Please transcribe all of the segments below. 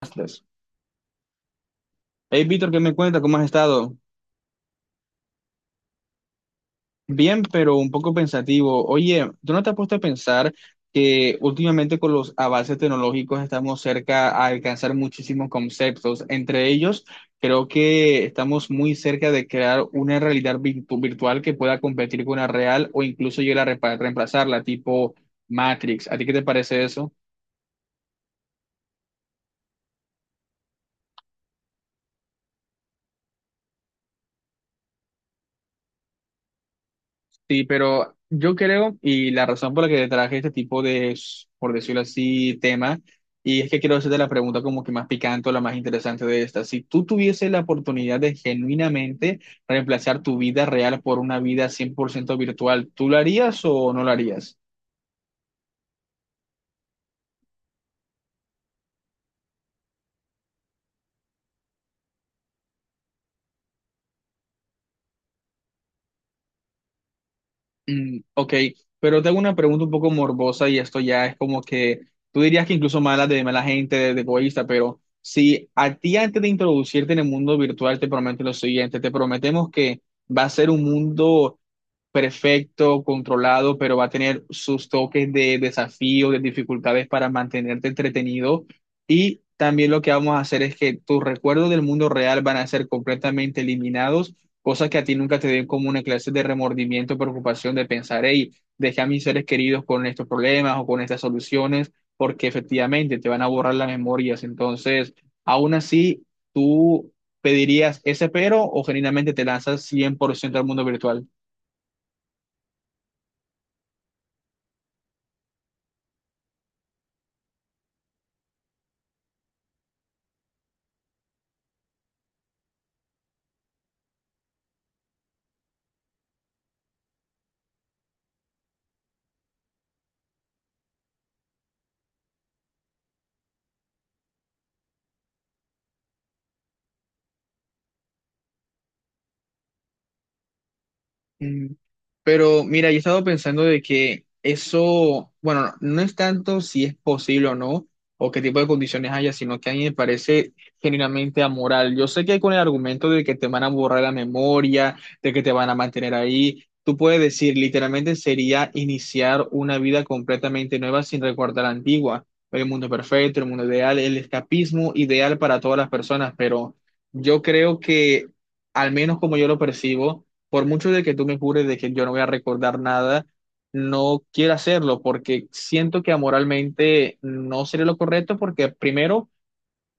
Astros. Hey, Víctor, ¿qué me cuenta? ¿Cómo has estado? Bien, pero un poco pensativo. Oye, ¿tú no te has puesto a pensar que últimamente con los avances tecnológicos estamos cerca a alcanzar muchísimos conceptos? Entre ellos, creo que estamos muy cerca de crear una realidad virtual que pueda competir con la real o incluso llegar a reemplazarla, tipo Matrix. ¿A ti qué te parece eso? Sí, pero yo creo, y la razón por la que traje este tipo de, por decirlo así, tema, y es que quiero hacerte la pregunta como que más picante o la más interesante de esta. Si tú tuvieses la oportunidad de genuinamente reemplazar tu vida real por una vida 100% virtual, ¿tú lo harías o no lo harías? Mm, ok. Pero tengo una pregunta un poco morbosa y esto ya es como que tú dirías que incluso mala de mala gente, de egoísta, pero si a ti antes de introducirte en el mundo virtual te prometen lo siguiente, te prometemos que va a ser un mundo perfecto, controlado, pero va a tener sus toques de desafío, de dificultades para mantenerte entretenido. Y también lo que vamos a hacer es que tus recuerdos del mundo real van a ser completamente eliminados, cosas que a ti nunca te den como una clase de remordimiento, preocupación de pensar, hey, dejé a mis seres queridos con estos problemas o con estas soluciones, porque efectivamente te van a borrar las memorias. Entonces, aún así, tú... ¿Pedirías ese pero o genuinamente te lanzas 100% al mundo virtual? Mm. Pero mira, yo he estado pensando de que eso, bueno, no es tanto si es posible o no, o qué tipo de condiciones haya, sino que a mí me parece genuinamente amoral. Yo sé que con el argumento de que te van a borrar la memoria, de que te van a mantener ahí, tú puedes decir, literalmente sería iniciar una vida completamente nueva sin recordar la antigua, el mundo perfecto, el mundo ideal, el escapismo ideal para todas las personas, pero yo creo que, al menos como yo lo percibo, por mucho de que tú me jures de que yo no voy a recordar nada, no quiero hacerlo porque siento que amoralmente no sería lo correcto porque primero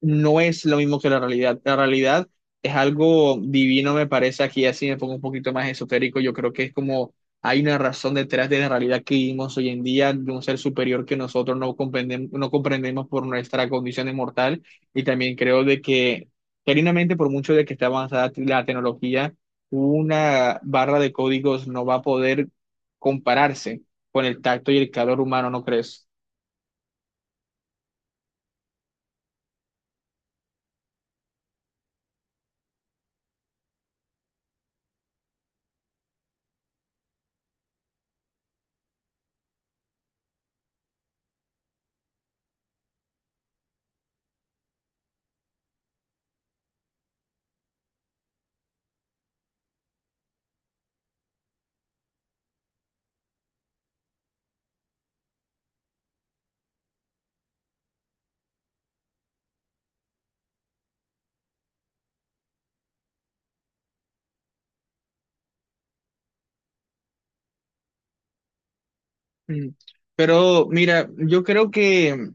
no es lo mismo que la realidad. La realidad es algo divino, me parece. Aquí así me pongo un poquito más esotérico. Yo creo que es como hay una razón detrás de la realidad que vivimos hoy en día, de un ser superior que nosotros no comprendemos, no comprendemos por nuestra condición mortal. Y también creo de que, genuinamente, por mucho de que esté avanzada la tecnología, una barra de códigos no va a poder compararse con el tacto y el calor humano, ¿no crees? Mm. Pero mira, yo creo que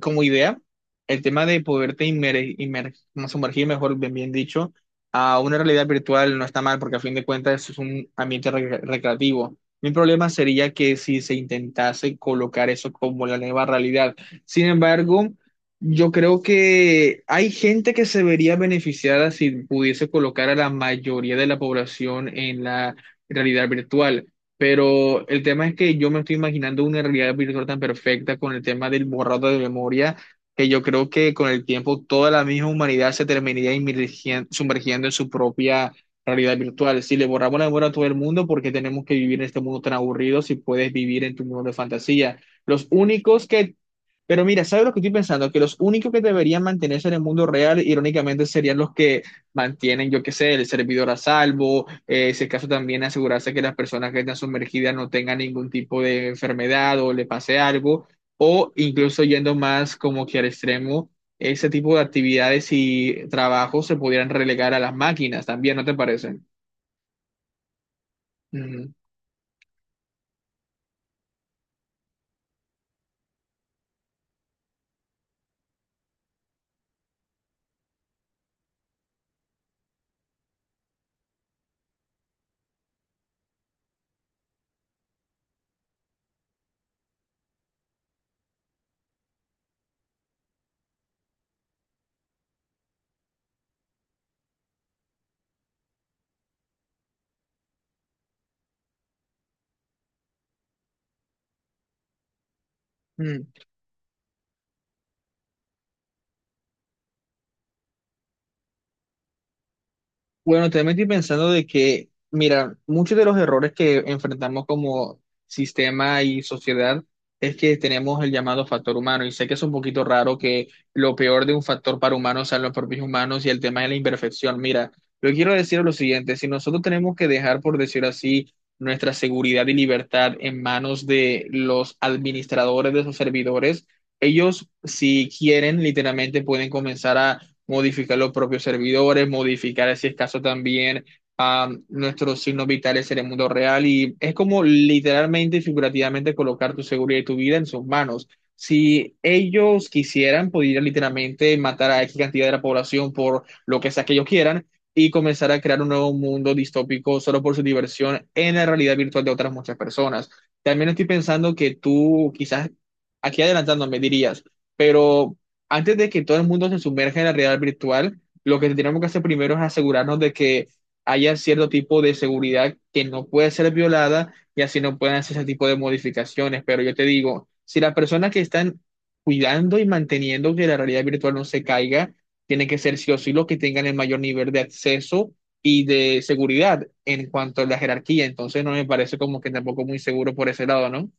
como idea, el tema de poderte como sumergir, bien dicho, a una realidad virtual no está mal porque a fin de cuentas es un ambiente recreativo. Mi problema sería que si se intentase colocar eso como la nueva realidad. Sin embargo, yo creo que hay gente que se vería beneficiada si pudiese colocar a la mayoría de la población en la realidad virtual. Pero el tema es que yo me estoy imaginando una realidad virtual tan perfecta con el tema del borrado de memoria, que yo creo que con el tiempo toda la misma humanidad se terminaría sumergiendo en su propia realidad virtual. Si le borramos la memoria a todo el mundo, ¿porque tenemos que vivir en este mundo tan aburrido si puedes vivir en tu mundo de fantasía? Los únicos que... Pero mira, ¿sabes lo que estoy pensando? Que los únicos que deberían mantenerse en el mundo real, irónicamente, serían los que mantienen, yo qué sé, el servidor a salvo. Si es caso también asegurarse que las personas que están sumergidas no tengan ningún tipo de enfermedad o le pase algo. O incluso yendo más como que al extremo, ese tipo de actividades y trabajos se pudieran relegar a las máquinas también, ¿no te parece? Ujú. Bueno, también estoy pensando de que, mira, muchos de los errores que enfrentamos como sistema y sociedad es que tenemos el llamado factor humano y sé que es un poquito raro que lo peor de un factor para humanos sean los propios humanos y el tema de la imperfección. Mira, yo quiero decir lo siguiente, si nosotros tenemos que dejar, por decir así, nuestra seguridad y libertad en manos de los administradores de esos servidores, ellos si quieren literalmente pueden comenzar a modificar los propios servidores, modificar, si es caso, también a nuestros signos vitales en el mundo real. Y es como literalmente y figurativamente colocar tu seguridad y tu vida en sus manos. Si ellos quisieran, podrían literalmente matar a X cantidad de la población por lo que sea que ellos quieran y comenzar a crear un nuevo mundo distópico solo por su diversión en la realidad virtual de otras muchas personas. También estoy pensando que tú quizás aquí adelantándome dirías, pero antes de que todo el mundo se sumerja en la realidad virtual, lo que tenemos que hacer primero es asegurarnos de que haya cierto tipo de seguridad que no puede ser violada y así no pueden hacer ese tipo de modificaciones. Pero yo te digo, si las personas que están cuidando y manteniendo que la realidad virtual no se caiga, tienen que ser sí o sí los que tengan el mayor nivel de acceso y de seguridad en cuanto a la jerarquía. Entonces no me parece como que tampoco muy seguro por ese lado, ¿no?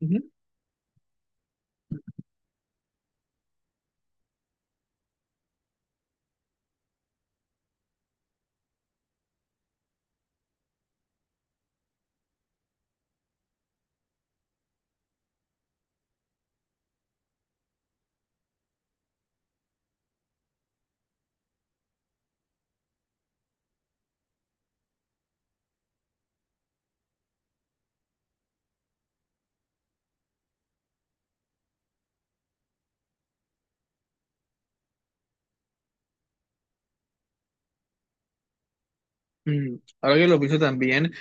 Ujú. Mm. Ahora que lo pienso también,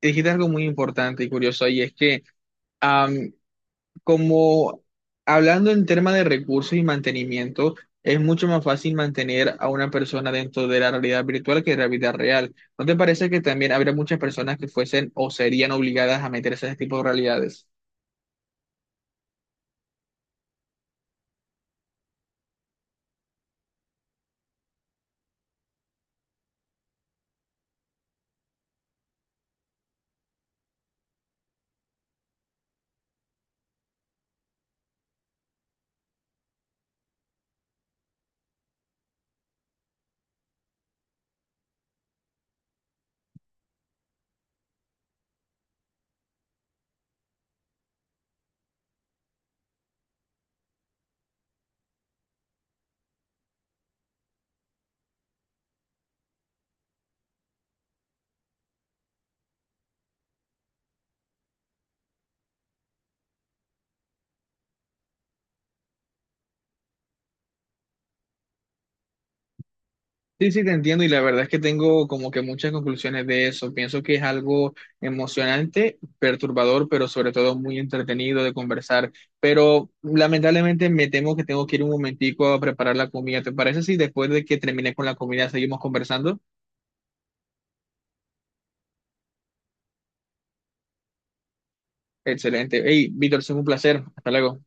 dijiste algo muy importante y curioso y es que am, como hablando en tema de recursos y mantenimiento, es mucho más fácil mantener a una persona dentro de la realidad virtual que de la vida real. ¿No te parece que también habría muchas personas que fuesen o serían obligadas a meterse a ese tipo de realidades? Sí, sí, te entiendo y la verdad es que tengo como que muchas conclusiones de eso. Pienso que es algo emocionante, perturbador, pero sobre todo muy entretenido de conversar. Pero lamentablemente me temo que tengo que ir un momentico a preparar la comida. ¿Te parece si después de que termine con la comida seguimos conversando? Excelente. Hey, Víctor, es un placer. Hasta luego.